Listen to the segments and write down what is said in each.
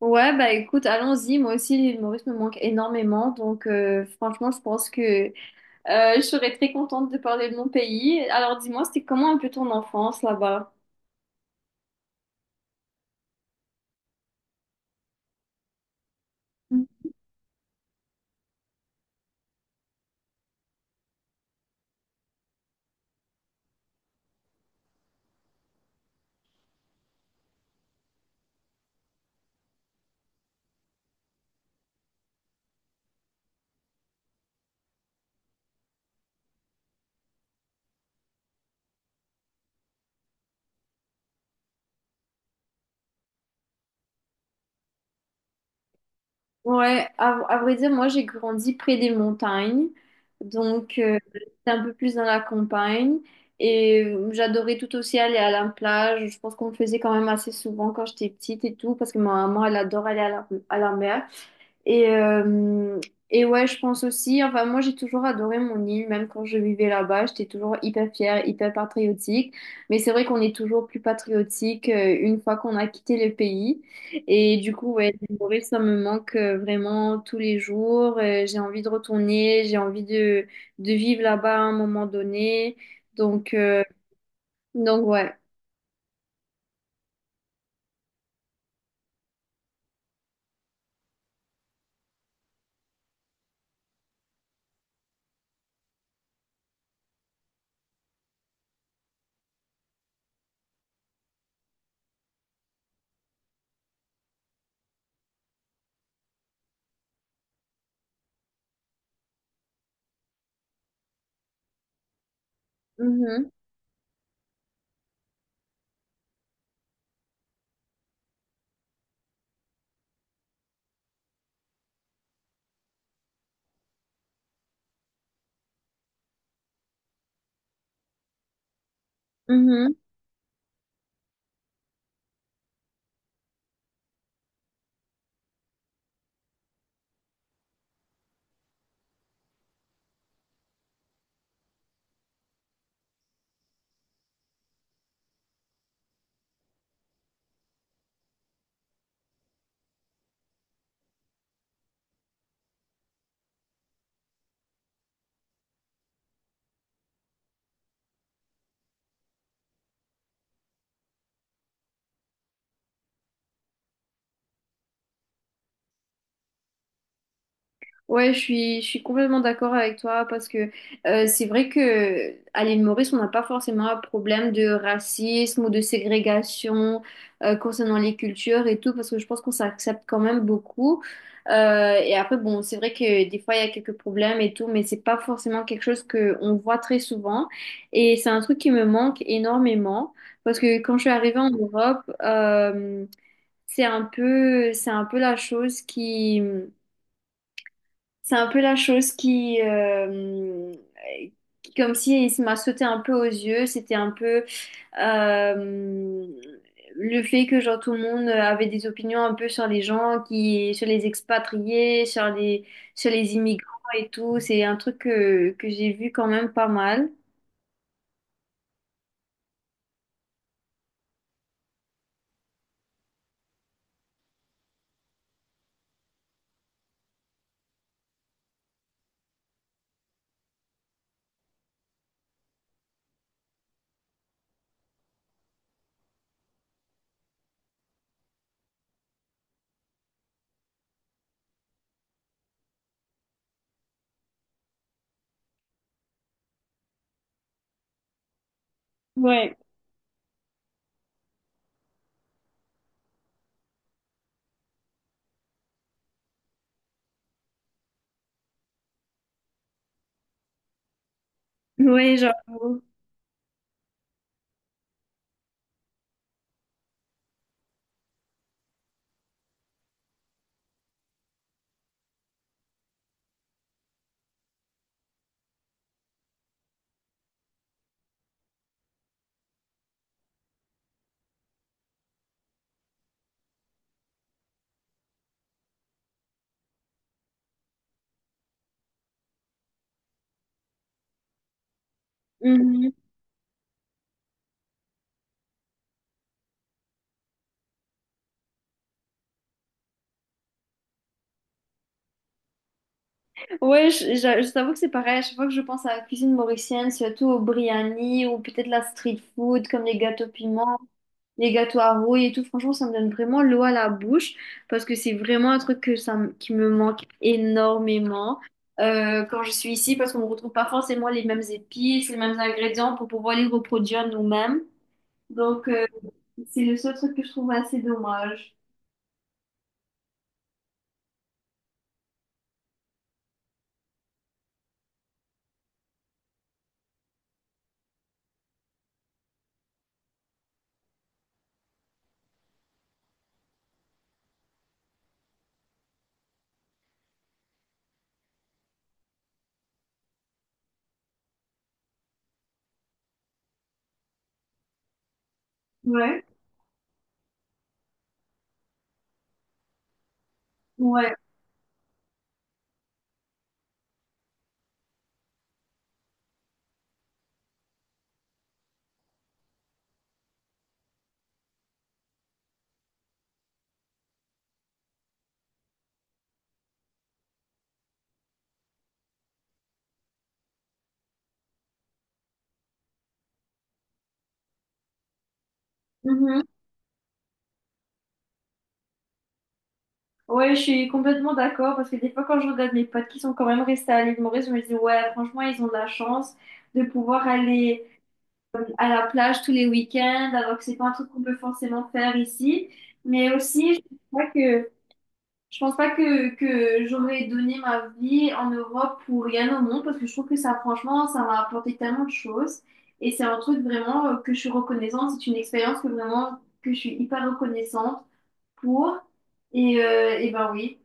Ouais, bah écoute, allons-y. Moi aussi, l'île Maurice me manque énormément. Donc, franchement, je pense que je serais très contente de parler de mon pays. Alors, dis-moi, c'était comment un peu ton enfance là-bas? Ouais, à vrai dire, moi, j'ai grandi près des montagnes. Donc, j'étais un peu plus dans la campagne. Et j'adorais tout aussi aller à la plage. Je pense qu'on le faisait quand même assez souvent quand j'étais petite et tout, parce que ma maman, elle adore aller à à la mer. Et, euh, et ouais, je pense aussi, enfin moi j'ai toujours adoré mon île, même quand je vivais là-bas, j'étais toujours hyper fière, hyper patriotique. Mais c'est vrai qu'on est toujours plus patriotique une fois qu'on a quitté le pays. Et du coup, ouais, l'île Maurice, ça me manque vraiment tous les jours. J'ai envie de retourner, de vivre là-bas à un moment donné. Donc, donc ouais. Mhm. Mhm. Ouais, je suis complètement d'accord avec toi parce que c'est vrai que à l'île Maurice, on n'a pas forcément un problème de racisme ou de ségrégation concernant les cultures et tout parce que je pense qu'on s'accepte quand même beaucoup. Et après, bon, c'est vrai que des fois, il y a quelques problèmes et tout, mais c'est pas forcément quelque chose que on voit très souvent. Et c'est un truc qui me manque énormément parce que quand je suis arrivée en Europe, c'est un peu la chose qui... C'est un peu la chose qui- comme si il m'a sauté un peu aux yeux. C'était un peu euh, le fait que genre tout le monde avait des opinions un peu sur les gens qui, sur les expatriés, sur les immigrants et tout. C'est un truc que j'ai vu quand même pas mal. Ouais. Ouais, genre. Mhm. Ouais, je t'avoue que c'est pareil. À chaque fois que je pense à la cuisine mauricienne, surtout au biryani ou peut-être la street food, comme les gâteaux piments, les gâteaux à rouille et tout, franchement, ça me donne vraiment l'eau à la bouche parce que c'est vraiment un truc que ça, me- qui me manque énormément quand je suis ici parce qu'on ne retrouve pas forcément les mêmes épices, les mêmes ingrédients pour pouvoir les reproduire nous-mêmes. Donc, c'est le seul truc que je trouve assez dommage. Ouais. Ouais. Mm-hmm. Ouais, je suis complètement d'accord parce que des fois, quand je regarde mes potes qui sont quand même restés à l'île Maurice, je me dis, ouais, franchement, ils ont de la chance de pouvoir aller à la plage tous les week-ends, alors que c'est pas un truc qu'on peut forcément faire ici. Mais aussi, pense pas que, je pense pas que j'aurais donné ma vie en Europe pour rien au monde parce que je trouve que ça, franchement, ça m'a apporté tellement de choses et c'est un truc vraiment que je suis reconnaissante. C'est une expérience que vraiment, que je suis hyper reconnaissante pour. Et ben oui.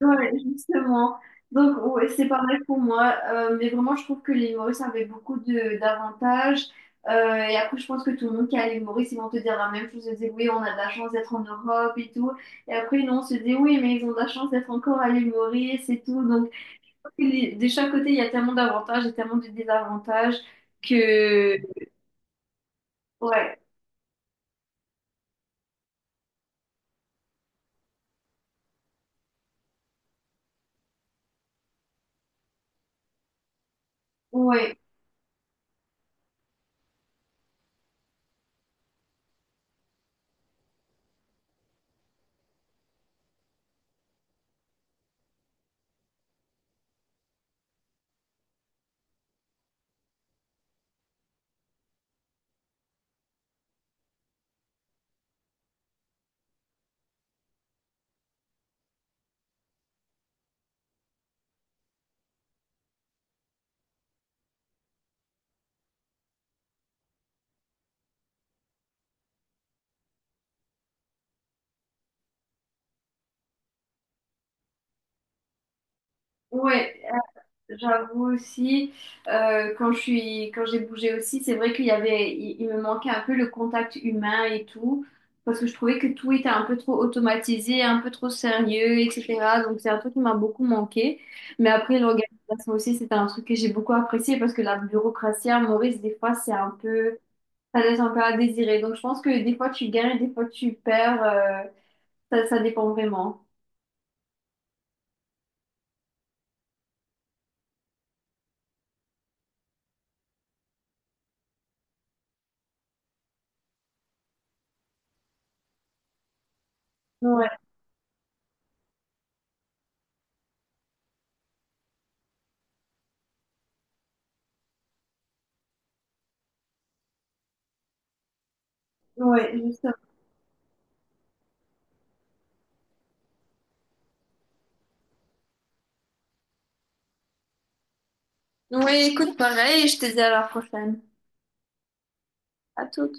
Ouais, justement. Donc, ouais, c'est pareil pour moi. Mais vraiment, je trouve que les humoristes avaient beaucoup de d'avantages. Et après, je pense que tout le monde qui est à l'humoriste, ils vont te dire la même chose. Ils disent, oui, on a de la chance d'être en Europe et tout. Et après, non, on se dit, oui, mais ils ont de la chance d'être encore à l'humoriste et tout. Donc, les- de chaque côté, il y a tellement d'avantages et tellement de désavantages que... Ouais, ouais, ouais. J'avoue aussi, quand j'ai bougé aussi, c'est vrai qu'il y avait, il me manquait un peu le contact humain et tout, parce que je trouvais que tout était un peu trop automatisé, un peu trop sérieux, etc. Donc c'est un truc qui m'a beaucoup manqué. Mais après, l'organisation aussi, c'était un truc que j'ai beaucoup apprécié parce que la bureaucratie à Maurice, des fois, c'est un peu, ça laisse un peu à désirer. Donc je pense que des fois tu gagnes, des fois tu perds, ça dépend vraiment. Ouais, ouais, justement. Ouais, écoute, pareil, je te dis à la prochaine. À tout.